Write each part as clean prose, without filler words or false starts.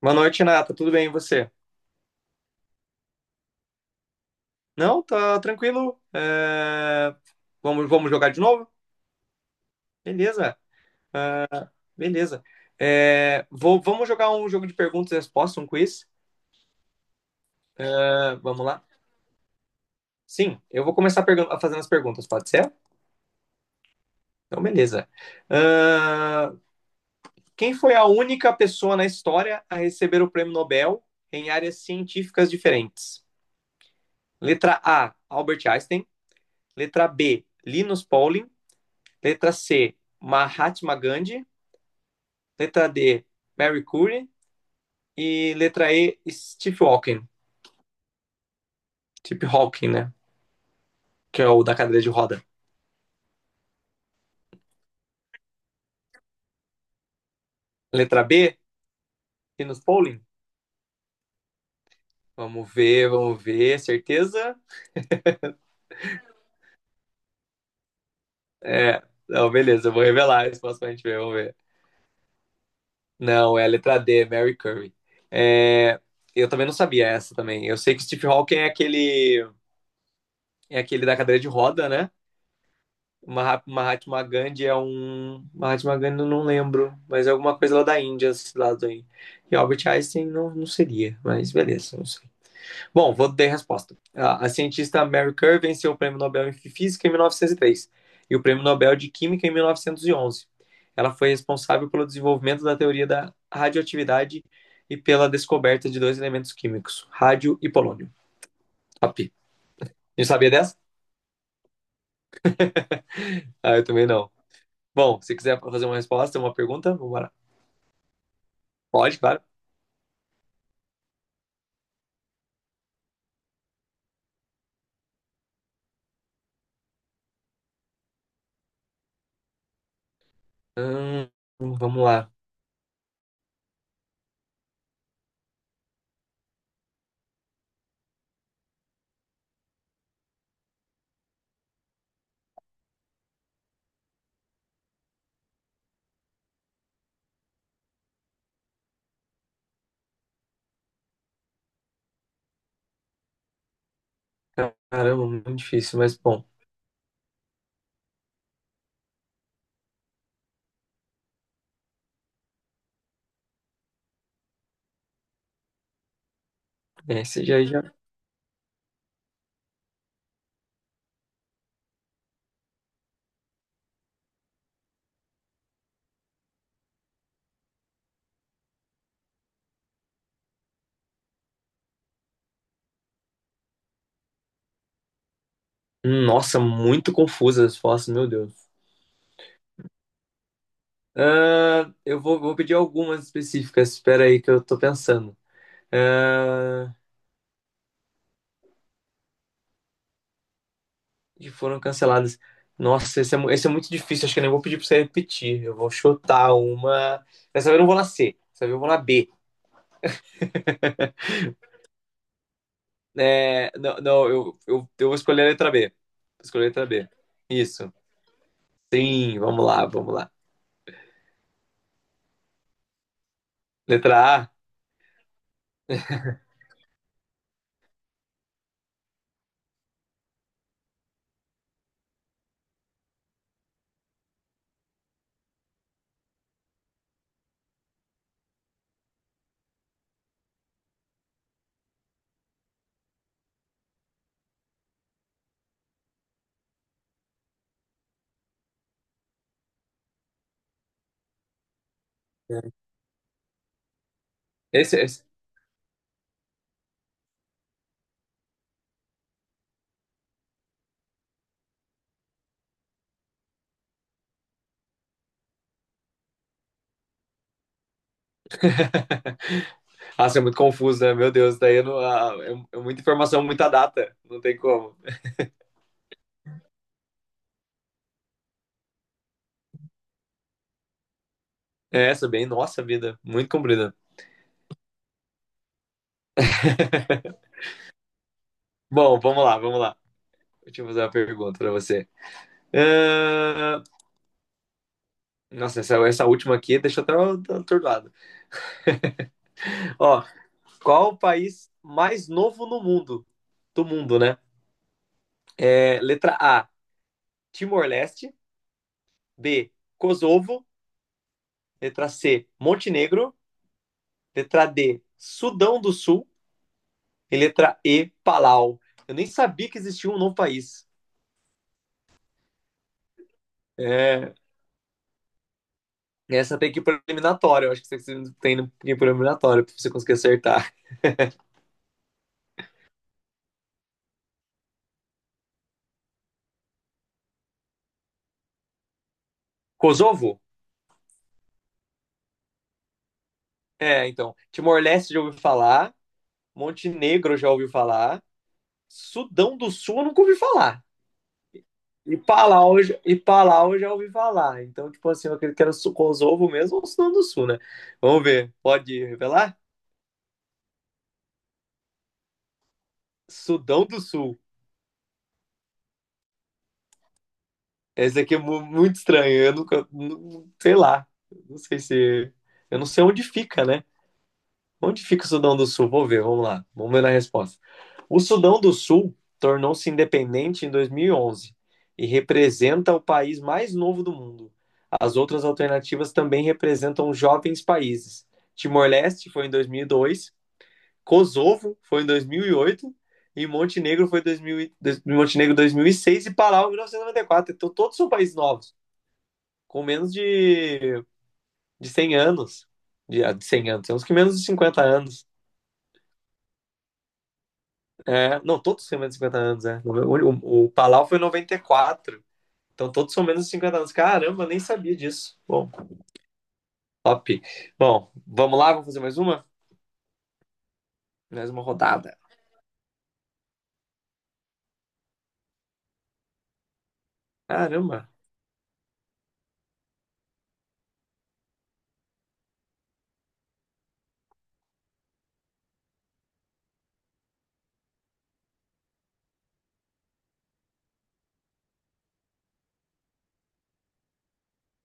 Boa noite, Nata. Tudo bem, e você? Não, tá tranquilo. Vamos, vamos jogar de novo? Beleza, beleza. Vamos jogar um jogo de perguntas e respostas, um quiz? É, vamos lá? Sim, eu vou começar fazendo as perguntas, pode ser? Então, beleza. Ah, quem foi a única pessoa na história a receber o prêmio Nobel em áreas científicas diferentes? Letra A, Albert Einstein. Letra B, Linus Pauling. Letra C, Mahatma Gandhi. Letra D, Mary Curie, e letra E, Steve Hawking, Steve Hawking, né? Que é o da cadeira de roda. Letra B, Linus Pauling. Vamos ver, certeza? É, não, beleza, eu vou revelar a resposta pra gente ver, vamos ver. Não, é a letra D, Mary Curie. Eu também não sabia essa também. Eu sei que Steve Hawking é aquele da cadeira de roda, né? Mahatma Gandhi é um. Mahatma Gandhi eu não lembro, mas é alguma coisa lá da Índia, esse lado aí. E Albert Einstein não, não seria, mas beleza, não sei. Bom, vou dar a resposta. A cientista Mary Kerr venceu o Prêmio Nobel em Física em 1903 e três e o Prêmio Nobel de Química em 1911. Ela foi responsável pelo desenvolvimento da teoria da radioatividade e pela descoberta de dois elementos químicos, rádio e polônio. Top. Não sabia dessa? Ah, eu também não. Bom, se quiser fazer uma resposta, uma pergunta, vamos lá. Pode, claro. Hum, vamos lá. Caramba, muito difícil, mas bom. Essa já, já. Nossa, muito confusas as fotos, meu Deus. Eu vou pedir algumas específicas. Espera aí que eu tô pensando. Ah, que foram canceladas. Nossa, esse é, mu- esse é muito difícil. Acho que eu nem vou pedir pra você repetir. Eu vou chutar uma. Dessa vez eu não vou na C. Dessa vez eu vou na B. É, não, não, eu vou escolher a letra B. Vou escolher a letra B. Isso. Sim, vamos lá, vamos lá. Letra A. Esse, esse... Nossa, é muito confuso, né? Meu Deus, daí eu não- ah, é, é muita informação, muita data. Não tem como. É, essa é bem, nossa vida, muito comprida. Bom, vamos lá, vamos lá. Deixa eu fazer uma pergunta pra você. Ah, Nossa, essa última aqui deixa eu até atordoado. Ó, qual o país mais novo no mundo? Do mundo, né? É, letra A, Timor-Leste. B, Kosovo. Letra C, Montenegro. Letra D, Sudão do Sul. E letra E, Palau. Eu nem sabia que existia um novo país. É, essa tem que ir para eliminatória. Eu acho que você tem que ir para eliminatória para você conseguir acertar. Kosovo? É, então. Timor-Leste já ouviu falar. Montenegro já ouviu falar. Sudão do Sul eu nunca ouvi falar. E Palau eu já ouvi falar. Então, tipo assim, eu acredito que era Kosovo mesmo ou Sudão do Sul, né? Vamos ver. Pode revelar? Sudão do Sul. Esse aqui é muito estranho. Eu nunca. Sei lá. Não sei se. Eu não sei onde fica, né? Onde fica o Sudão do Sul? Vou ver, vamos lá. Vamos ver na resposta. O Sudão do Sul tornou-se independente em 2011 e representa o país mais novo do mundo. As outras alternativas também representam jovens países. Timor-Leste foi em 2002, Kosovo foi em 2008 e oito e Montenegro foi em 2000, e- dois- Montenegro 2006 e Palau em 1994. Então todos são países novos com menos de 100 anos. De 100 anos, tem uns que menos de 50 anos. É, não, todos têm menos de 50 anos, é. O Palau foi em noventa e quatro. Então todos são menos de 50 anos. Caramba, eu nem sabia disso. Bom, top. Bom, vamos lá, vamos fazer mais uma? Mais uma rodada. Caramba.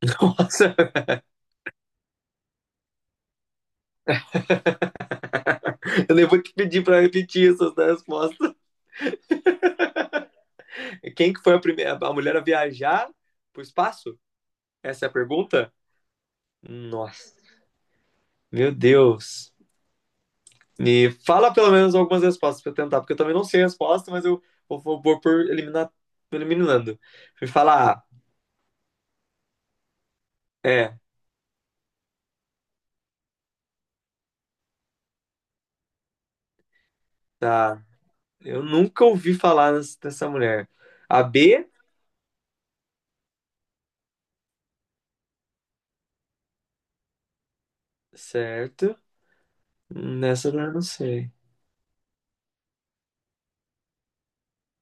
Nossa, eu nem vou te pedir para repetir essas respostas. Quem que foi a primeira a mulher a viajar pro espaço? Essa é a pergunta? Nossa, meu Deus. E fala pelo menos algumas respostas pra eu tentar, porque eu também não sei a resposta, mas eu vou por eliminar, eliminando. Me fala A. É, tá. Eu nunca ouvi falar dessa mulher. A B, certo. Nessa eu não sei.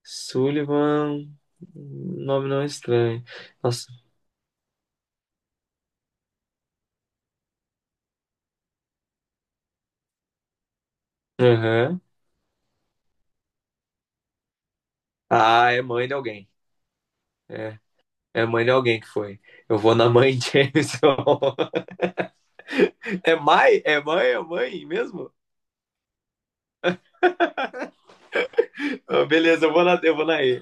Sullivan, nome não é estranho. Nossa. Aham. Ah, é mãe de alguém. É, é mãe de alguém que foi. Eu vou na mãe de Jameson. É mãe? É mãe? É mãe mesmo? Ah, beleza, eu vou na E.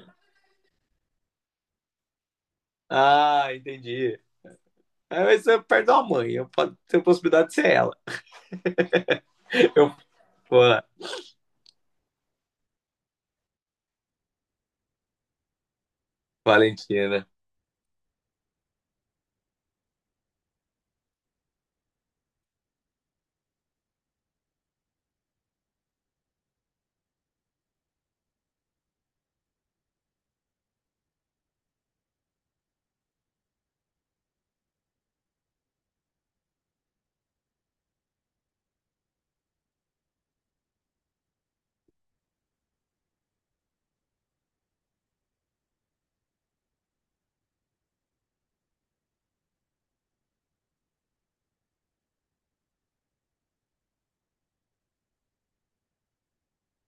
Ah, entendi. Ah, mas você perde uma mãe, eu posso ter a possibilidade de ser ela. Eu, pô, Valentina.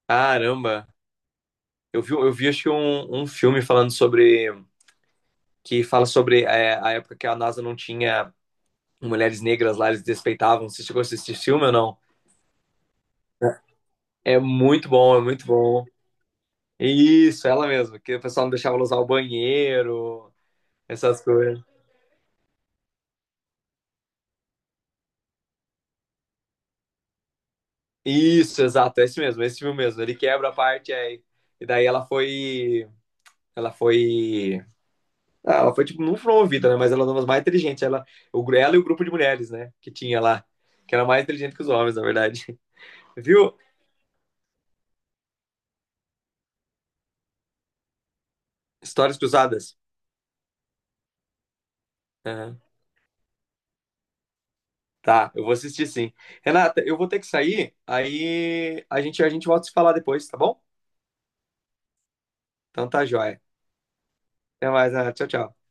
Caramba, eu vi acho que um filme falando que fala sobre a época que a NASA não tinha mulheres negras lá, eles desrespeitavam. Você chegou a assistir esse filme ou não? É muito bom, é muito bom. Isso, ela mesma, que o pessoal não deixava ela usar o banheiro, essas coisas. Isso, exato, é esse mesmo, é esse filme mesmo. Ele quebra a parte aí. E daí ela foi. Ela foi. Ah, ela foi, tipo, não promovida, né? Mas ela era uma das mais inteligentes. Ela e o grupo de mulheres, né? Que tinha lá. Que era mais inteligente que os homens, na verdade. Viu? Histórias cruzadas. Aham. Tá, eu vou assistir sim. Renata, eu vou ter que sair. Aí a gente volta a se falar depois, tá bom? Então tá joia. Até mais, Renata. Tchau, tchau.